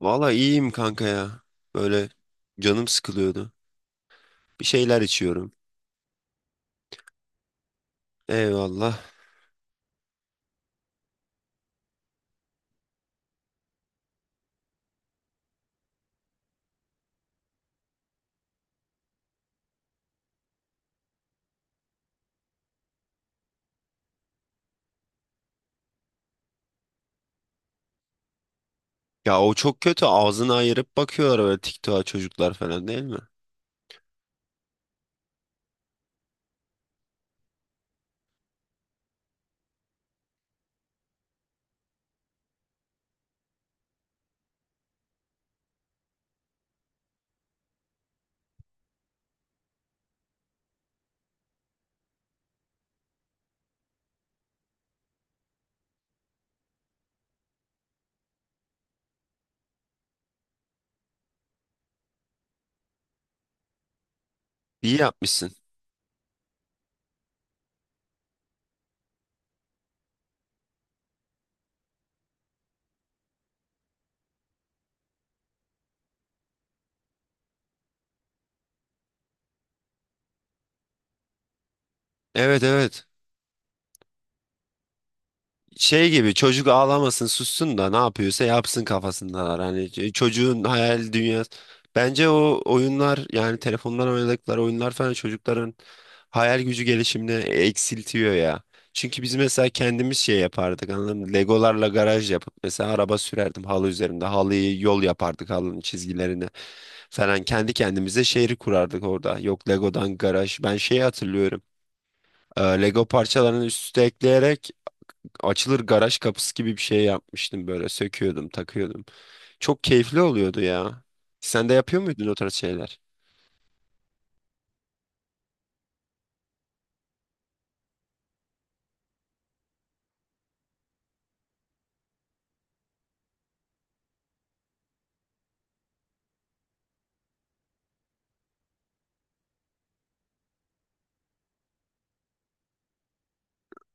Valla iyiyim kanka ya. Böyle canım sıkılıyordu. Bir şeyler içiyorum. Eyvallah. Ya o çok kötü. Ağzını ayırıp bakıyorlar böyle TikTok'a çocuklar falan değil mi? İyi yapmışsın. Evet, evet. Şey gibi çocuk ağlamasın sussun da ne yapıyorsa yapsın kafasındalar. Hani çocuğun hayal dünyası. Bence o oyunlar yani telefondan oynadıkları oyunlar falan çocukların hayal gücü gelişimini eksiltiyor ya. Çünkü biz mesela kendimiz şey yapardık, anladın mı? Legolarla garaj yapıp mesela araba sürerdim halı üzerinde. Halıyı yol yapardık, halının çizgilerini falan. Kendi kendimize şehri kurardık orada. Yok, Legodan garaj. Ben şeyi hatırlıyorum. Lego parçalarını üst üste ekleyerek açılır garaj kapısı gibi bir şey yapmıştım, böyle söküyordum takıyordum. Çok keyifli oluyordu ya. Sen de yapıyor muydun o tarz şeyler?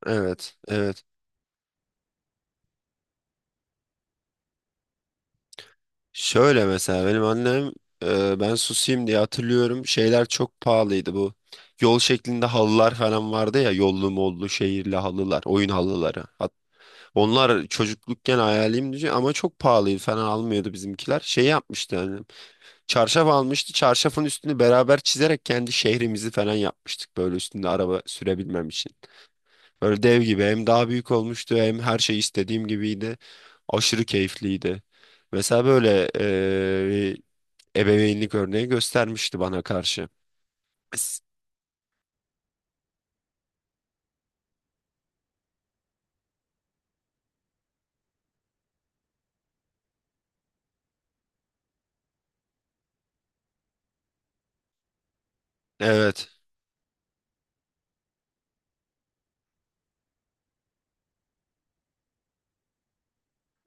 Evet, evet. Şöyle mesela benim annem, ben susayım diye hatırlıyorum, şeyler çok pahalıydı bu. Yol şeklinde halılar falan vardı ya, yollu mollu şehirli halılar, oyun halıları. Onlar çocuklukken hayalimdi ama çok pahalıydı falan, almıyordu bizimkiler. Şey yapmıştı yani, çarşaf almıştı. Çarşafın üstünü beraber çizerek kendi şehrimizi falan yapmıştık. Böyle üstünde araba sürebilmem için. Böyle dev gibi, hem daha büyük olmuştu hem her şey istediğim gibiydi. Aşırı keyifliydi. Mesela böyle ebeveynlik örneği göstermişti bana karşı. S- Evet,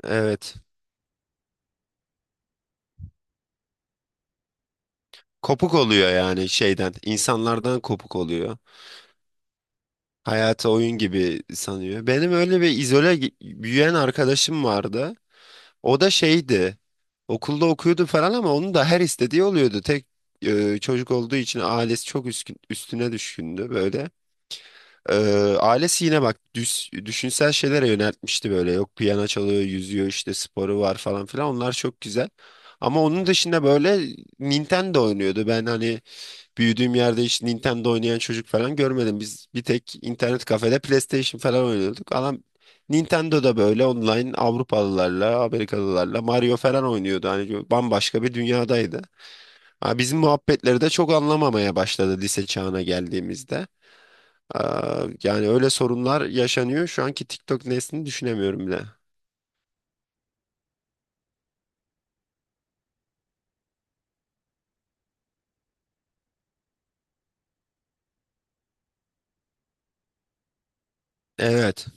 evet. Kopuk oluyor yani şeyden, insanlardan kopuk oluyor. Hayatı oyun gibi sanıyor. Benim öyle bir izole büyüyen arkadaşım vardı. O da şeydi. Okulda okuyordu falan ama onun da her istediği oluyordu. Tek çocuk olduğu için ailesi çok üstüne düşkündü böyle. E, Ailesi yine bak, düşünsel şeylere yöneltmişti böyle. Yok, piyano çalıyor, yüzüyor, işte sporu var falan filan. Onlar çok güzel. Ama onun dışında böyle Nintendo oynuyordu. Ben hani büyüdüğüm yerde hiç Nintendo oynayan çocuk falan görmedim. Biz bir tek internet kafede PlayStation falan oynuyorduk. Adam Nintendo'da böyle online Avrupalılarla, Amerikalılarla Mario falan oynuyordu. Hani bambaşka bir dünyadaydı. Ha, bizim muhabbetleri de çok anlamamaya başladı lise çağına geldiğimizde. Aa, yani öyle sorunlar yaşanıyor. Şu anki TikTok neslini düşünemiyorum bile. Evet.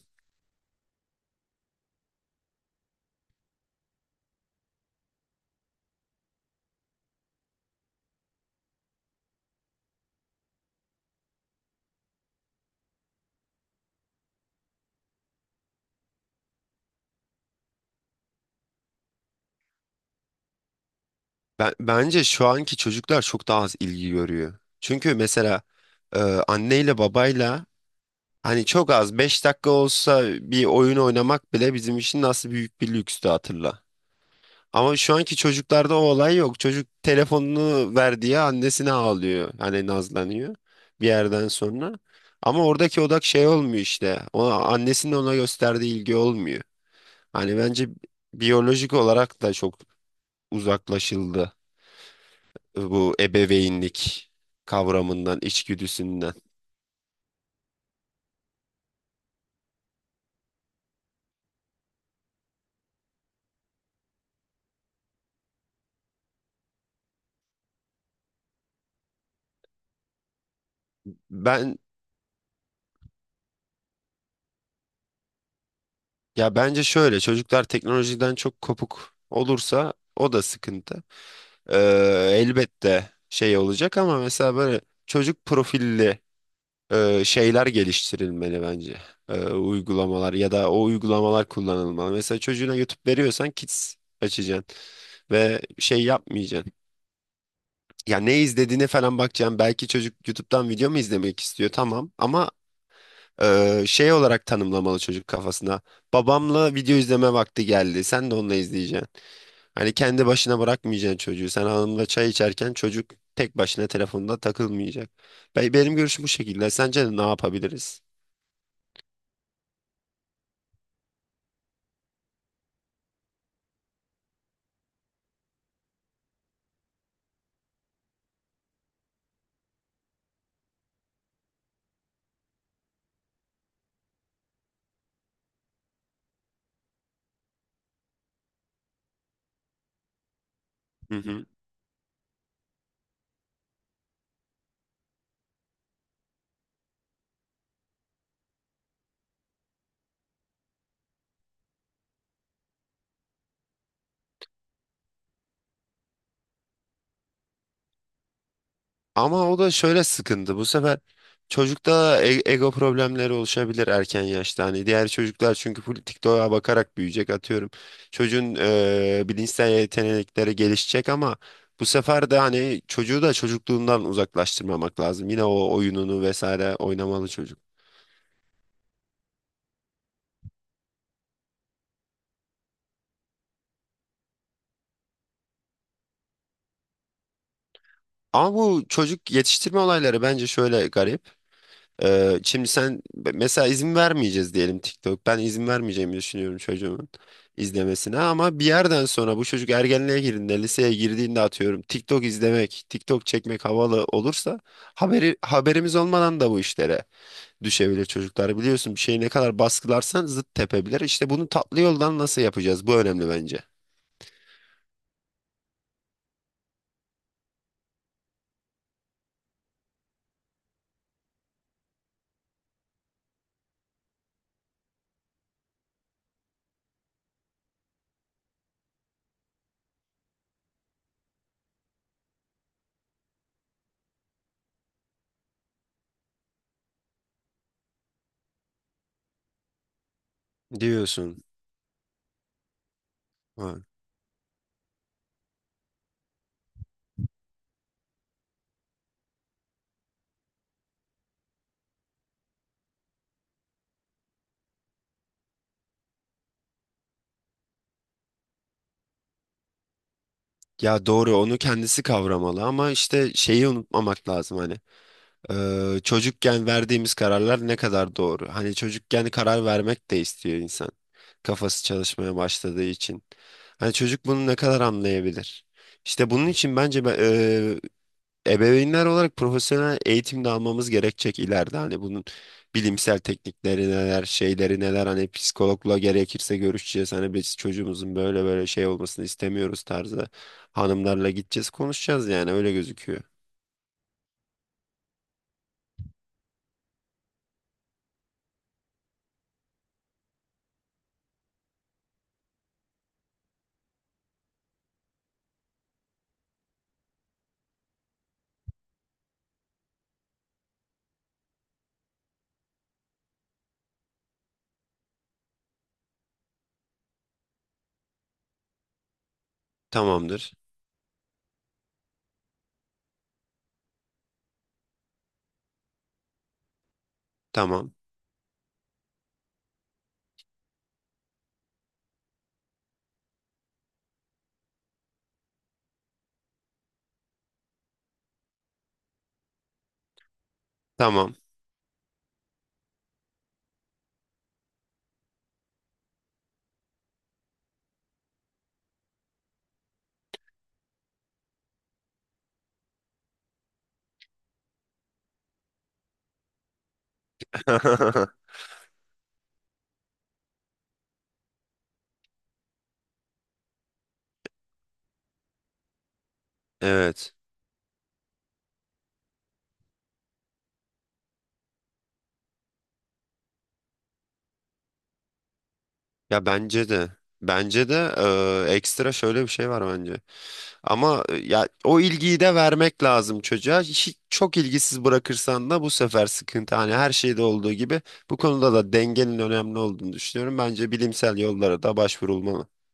Bence şu anki çocuklar çok daha az ilgi görüyor. Çünkü mesela e, anneyle babayla, hani çok az 5 dakika olsa bir oyun oynamak bile bizim için nasıl büyük bir lükstü, hatırla. Ama şu anki çocuklarda o olay yok. Çocuk telefonunu ver diye annesine ağlıyor. Hani nazlanıyor bir yerden sonra. Ama oradaki odak şey olmuyor işte. O annesinin ona gösterdiği ilgi olmuyor. Hani bence biyolojik olarak da çok uzaklaşıldı bu ebeveynlik kavramından, içgüdüsünden. Ben Ya bence şöyle, çocuklar teknolojiden çok kopuk olursa o da sıkıntı. Ee, Elbette şey olacak ama mesela böyle çocuk profilli şeyler geliştirilmeli bence. Uygulamalar ya da o uygulamalar kullanılmalı. Mesela çocuğuna YouTube veriyorsan Kids açacaksın ve şey yapmayacaksın. Ya ne izlediğine falan bakacaksın. Belki çocuk YouTube'dan video mu izlemek istiyor, tamam ama şey olarak tanımlamalı çocuk kafasına. Babamla video izleme vakti geldi. Sen de onunla izleyeceksin. Hani kendi başına bırakmayacaksın çocuğu. Sen hanımla çay içerken çocuk tek başına telefonda takılmayacak. Benim görüşüm bu şekilde. Sence ne yapabiliriz? Hı hı. Ama o da şöyle sıkıntı. Bu sefer çocukta ego problemleri oluşabilir erken yaşta. Hani diğer çocuklar çünkü full TikTok'a bakarak büyüyecek, atıyorum. Çocuğun bilinçsel yetenekleri gelişecek ama bu sefer de hani çocuğu da çocukluğundan uzaklaştırmamak lazım. Yine o oyununu vesaire oynamalı çocuk. Ama bu çocuk yetiştirme olayları bence şöyle garip. Şimdi sen mesela izin vermeyeceğiz diyelim, TikTok. Ben izin vermeyeceğimi düşünüyorum çocuğumun izlemesine ama bir yerden sonra bu çocuk ergenliğe girdiğinde, liseye girdiğinde, atıyorum TikTok izlemek, TikTok çekmek havalı olursa haberimiz olmadan da bu işlere düşebilir çocuklar. Biliyorsun, bir şeyi ne kadar baskılarsan zıt tepebilir. İşte bunu tatlı yoldan nasıl yapacağız? Bu önemli bence. Diyorsun. Ha. Ya doğru, onu kendisi kavramalı ama işte şeyi unutmamak lazım hani. Çocukken verdiğimiz kararlar ne kadar doğru. Hani çocukken karar vermek de istiyor insan, kafası çalışmaya başladığı için. Hani çocuk bunu ne kadar anlayabilir? İşte bunun için bence ebeveynler olarak profesyonel eğitim de almamız gerekecek ileride. Hani bunun bilimsel teknikleri neler, şeyleri neler, hani psikologla gerekirse görüşeceğiz. Hani biz çocuğumuzun böyle böyle şey olmasını istemiyoruz tarzı hanımlarla gideceğiz, konuşacağız, yani öyle gözüküyor. Tamamdır. Tamam. Tamam. Evet. Ya bence de bence de ekstra şöyle bir şey var bence. Ama ya o ilgiyi de vermek lazım çocuğa. Hiç, çok ilgisiz bırakırsan da bu sefer sıkıntı. Hani her şeyde olduğu gibi bu konuda da dengenin önemli olduğunu düşünüyorum. Bence bilimsel yollara da başvurulmalı.